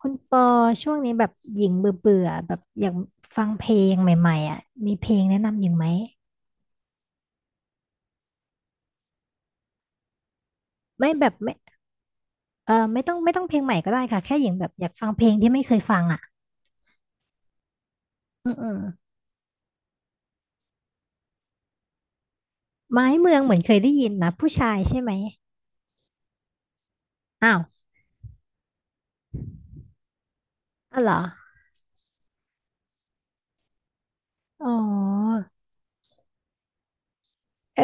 คุณปอช่วงนี้แบบหญิงเบื่อเบื่อแบบอยากฟังเพลงใหม่ๆอ่ะมีเพลงแนะนำหญิงไหมไม่แบบไม่เออไม่ต้องไม่ต้องเพลงใหม่ก็ได้ค่ะแค่หญิงแบบอยากฟังเพลงที่ไม่เคยฟังอ่ะอืมอืมไม้เมืองเหมือนเคยได้ยินนะผู้ชายใช่ไหมอ้าวอ๋อเหรออ๋อเออ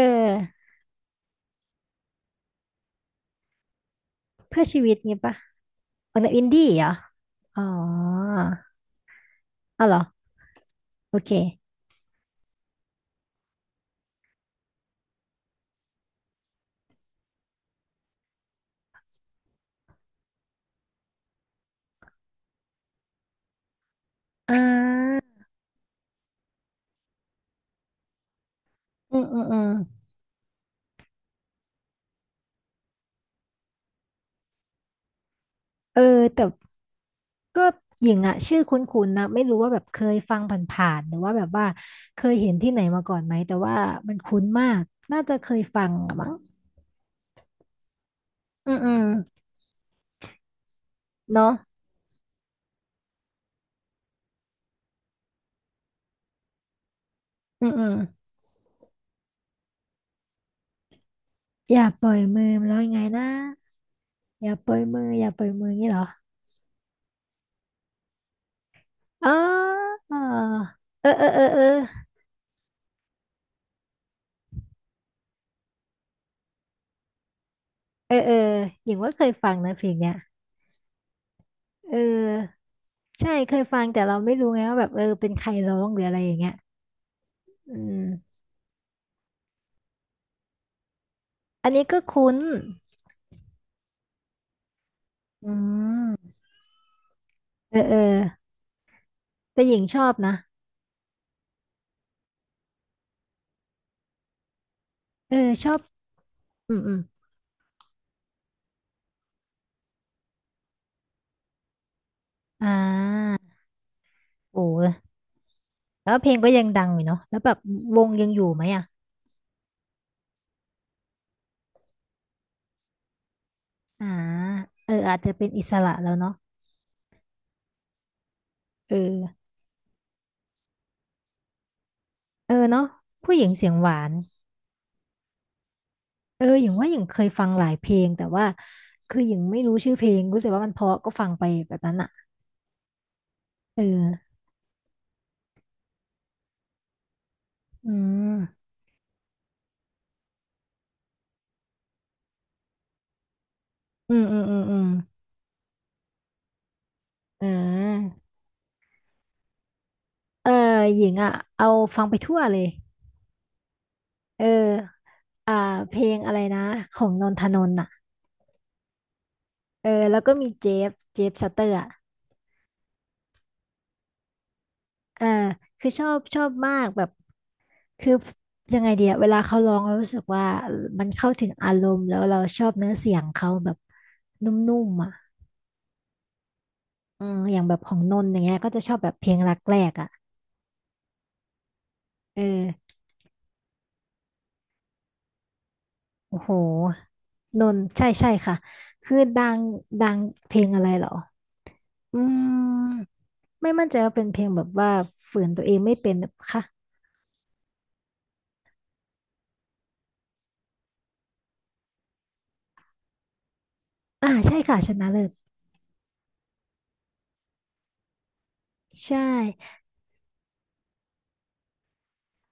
เพื่อชีวิตงี้ปะเอออินดี้เหรออ๋ออ๋อเหรอโอเคอ่าอืมอืมอืมเออแต่ ก็หญิงอะชื่อคุ้นๆนะไม่รู้ว่าแบบเคยฟังผ่านๆหรือว่าแบบว่าเคยเห็นที่ไหนมาก่อนไหมแต่ว่ามันคุ้นมากน่าจะเคยฟังอะมั้งอืมอืมเนาะอืมอืมอย่าปล่อยมือมันแล้วยังไงนะอย่าปล่อยมืออย่าปล่อยมืองี้เหรออ๋อเออเออเออเออเออเออหญิงว่าเคยฟังนะเพลงเนี้ยเออใช่เคยฟังแต่เราไม่รู้ไงว่าแบบเออเป็นใครร้องหรืออะไรอย่างเงี้ยอืมอันนี้ก็คุ้นอืมเออเออ แต่หญิงชอบนะเออชอบอืมอืมอ่าโอ้แล้วเพลงก็ยังดังอยู่เนาะแล้วแบบวงยังอยู่ไหมอ่ะอ่าเอออาจจะเป็นอิสระแล้วเนาะเออเออเนาะผู้หญิงเสียงหวานเออหญิงว่าหญิงเคยฟังหลายเพลงแต่ว่าคือหญิงไม่รู้ชื่อเพลงรู้แต่ว่ามันเพราะก็ฟังไปแบบนั้นอ่ะเอออืมอืมอืมอืมอืมอ่าเออหญิงอ่ะเอาฟังไปทั่วเลยเอออ่าเพลงอะไรนะของนนทนนท์อ่ะ เออแล้วก็มีเจฟเจฟซัตเตอร์อ่ะอ่าคือชอบชอบมากแบบคือยังไงเดียเวลาเขาร้องเรารู้สึกว่ามันเข้าถึงอารมณ์แล้วเราชอบเนื้อเสียงเขาแบบนุ่มๆอ่ะอืมอย่างแบบของนนท์อย่างเงี้ยก็จะชอบแบบเพลงรักแรกอ่ะเออโอ้โหนนท์ใช่ใช่ค่ะคือดังดังเพลงอะไรเหรออืมไม่มั่นใจว่าเป็นเพลงแบบว่าฝืนตัวเองไม่เป็นหรือค่ะอ่าใช่ค่ะชนะเลิศใช่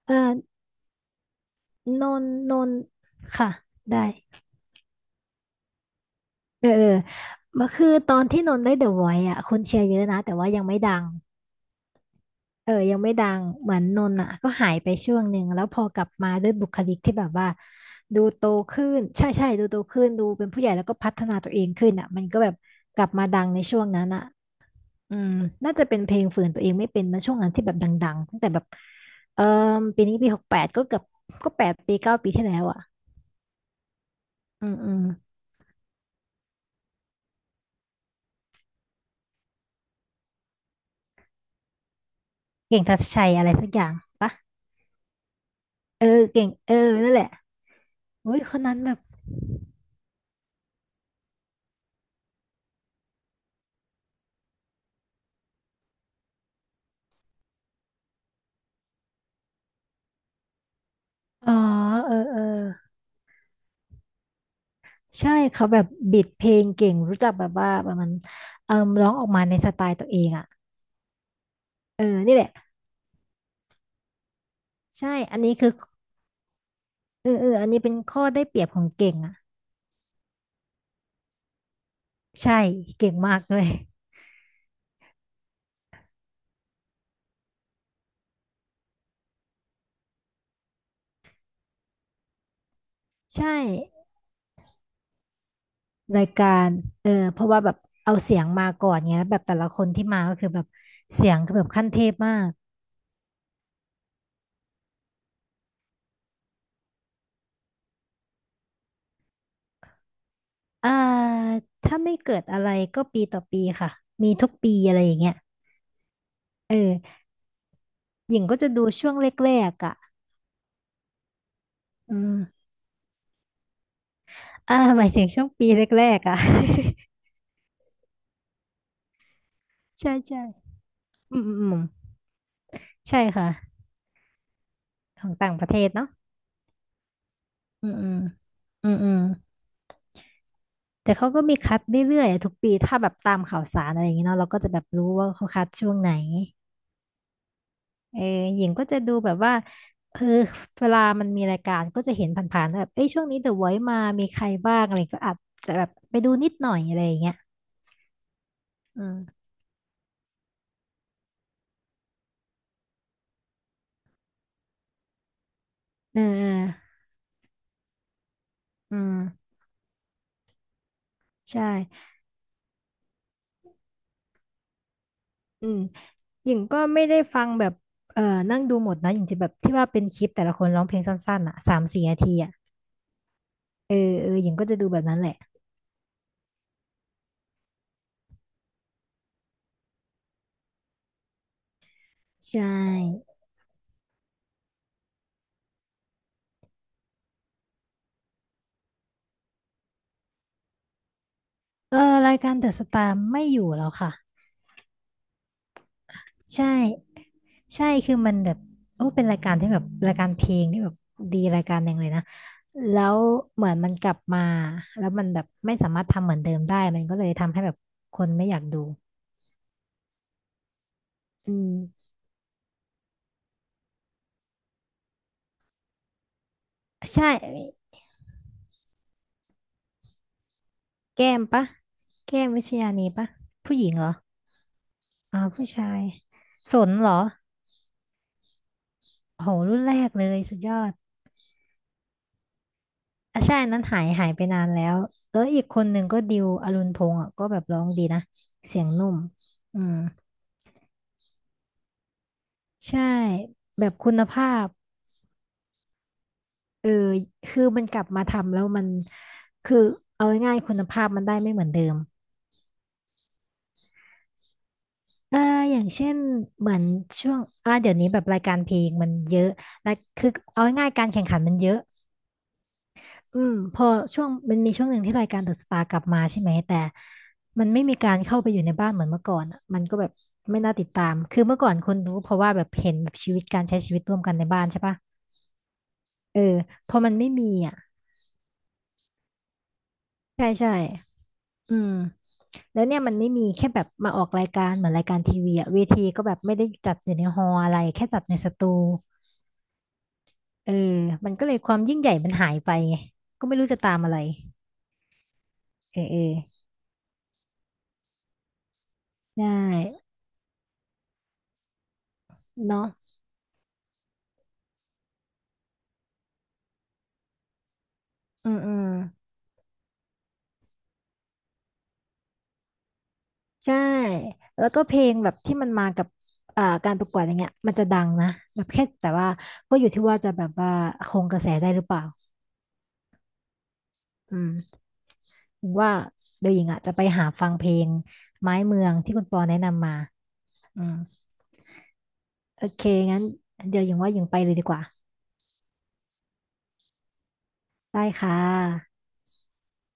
เออ นนนนค่ะได้เออเออมาคือตอนที่นนได้เดอะไวท์อ่ะคนเชียร์เยอะนะแต่ว่ายังไม่ดังเออยังไม่ดังเหมือนนนอ่ะก็หายไปช่วงหนึ่งแล้วพอกลับมาด้วยบุคลิกที่แบบว่าดูโตขึ้นใช่ใช่ดูโตขึ้นดูเป็นผู้ใหญ่แล้วก็พัฒนาตัวเองขึ้นอ่ะมันก็แบบกลับมาดังในช่วงนั้นอ่ะอืมน่าจะเป็นเพลงฝืนตัวเองไม่เป็นมาช่วงนั้นที่แบบดังๆตั้งแต่แบบเออปีนี้ปีหกแปดก็เกือบก็แปดปีเก้าปีที่แล้วอ่ะอืมอืมเก่งทัชชัยอะไรสักอย่าง เออเก่งเออนั่นแหละอุ้ยคนนั้นแบบอ๋อเออเออใช่เขาแบบบิดเพลงเก่งรู้จักแบบว่าแบบมันเอ่ร้องออกมาในสไตล์ตัวเองอ่ะเออนี่แหละใช่อันนี้คือเออเอออันนี้เป็นข้อได้เปรียบของเก่งอ่ะใช่เก่งมากเลยใช่รายการเออเพราะว่าแบบเอาเสียงมาก่อนเงี้ยแล้วแบบแต่ละคนที่มาก็คือแบบเสียงคือแบบขั้นเทพมากอ่าถ้าไม่เกิดอะไรก็ปีต่อปีค่ะมีทุกปีอะไรอย่างเงี้ยเออ หญิงก็จะดูช่วงแรกๆอ่ะอืมอ่าหมายถึงช่วงปีแรกๆอ่ะ ใช่ใช่อืมอืมอืมใช่ค่ะของต่างประเทศเนาะอืมอืมอืมอืมแต่เขาก็มีคัดเรื่อยๆอะทุกปี ถ้าแบบตามข่าวสารอะไรอย่างเงี้ยเนาะเราก็จะแบบรู้ว่าเขาคัดช่วงไหนเออหญิงก็จะดูแบบว่าเออเวลามันมีรายการก็จะเห็นผ่านๆแบบเอ้ยช่วงนี้เดอะไวท์มามีใครบ้างอะไรก็อาจจะแบบไปดูนิดหน่อยอะไรอย่างเงี้ยอืมเออเอออืมใช่อืม หญิงก็ไม่ได้ฟังแบบเอ่อนั่งดูหมดนะหญิงจะแบบที่ว่าเป็นคลิปแต่ละคนร้องเพลงสั้นๆอ่ะสามสี่นาทีอ่ะเออเออหญิงก็จะดูแบบนั้นแหละใช่เออรายการเดอะสตาร์ไม่อยู่แล้วค่ะใช่ใช่คือมันแบบโอ้เป็นรายการที่แบบรายการเพลงที่แบบดีรายการหนึ่งเลยนะแล้วเหมือนมันกลับมาแล้วมันแบบไม่สามารถทำเหมือนเดิมได้มันก็เลยทำให้แบบคนไม่อยากดูอืมใช่แก้มปะแก้มวิชญานีปะผู้หญิงเหรอ อ๋อผู้ชายสนเหรอโหรุ่นแรกเลยสุดยอดอ่ะใช่อันนั้นหายหายไปนานแล้วแล้วอีกคนหนึ่งก็ดิวอรุณพงษ์อ่ะก็แบบร้องดีนะเสียงนุ่มอืมใช่แบบคุณภาพเออคือมันกลับมาทำแล้วมันคือเอาง่ายๆคุณภาพมันได้ไม่เหมือนเดิมอ่าอย่างเช่นเหมือนช่วงอ่าเดี๋ยวนี้แบบรายการเพลงมันเยอะและคือเอาง่ายๆการแข่งขันมันเยอะ อืมพอช่วงมันมีช่วงหนึ่งที่รายการเดอะสตาร์กลับมาใช่ไหมแต่มันไม่มีการเข้าไปอยู่ในบ้านเหมือนเมื่อก่อนอะมันก็แบบไม่น่าติดตามคือเมื่อก่อนคนรู้เพราะว่าแบบเห็นแบบชีวิตการใช้ชีวิตร่วมกันในบ้านใช่ปะเออพอมันไม่มีอ่ะใช่ใช่อืมแล้วเนี่ยมันไม่มีแค่แบบมาออกรายการเหมือนรายการทีวีอะเวทีก็แบบไม่ได้จัดอยู่ในฮอลล์อะไรแค่จัดในสตูเออมันก็เลยความยิ่งใหญ่มันหายไปไงก็ไม่รู้จะตามอะไรเออเออใช่เนาะอืมอืม ใช่แล้วก็เพลงแบบที่มันมากับอ่าการประกวดอย่างเงี้ยมันจะดังนะแบบแค่แต่ว่าก็อยู่ที่ว่าจะแบบว่าคงกระแสได้หรือเปล่าอืมผมว่าเดี๋ยวหญิงอ่ะจะไปหาฟังเพลงไม้เมืองที่คุณปอแนะนำมาอืมโอเคงั้นเดี๋ยวหญิงว่าหญิงไปเลยดีกว่าได้ค่ะ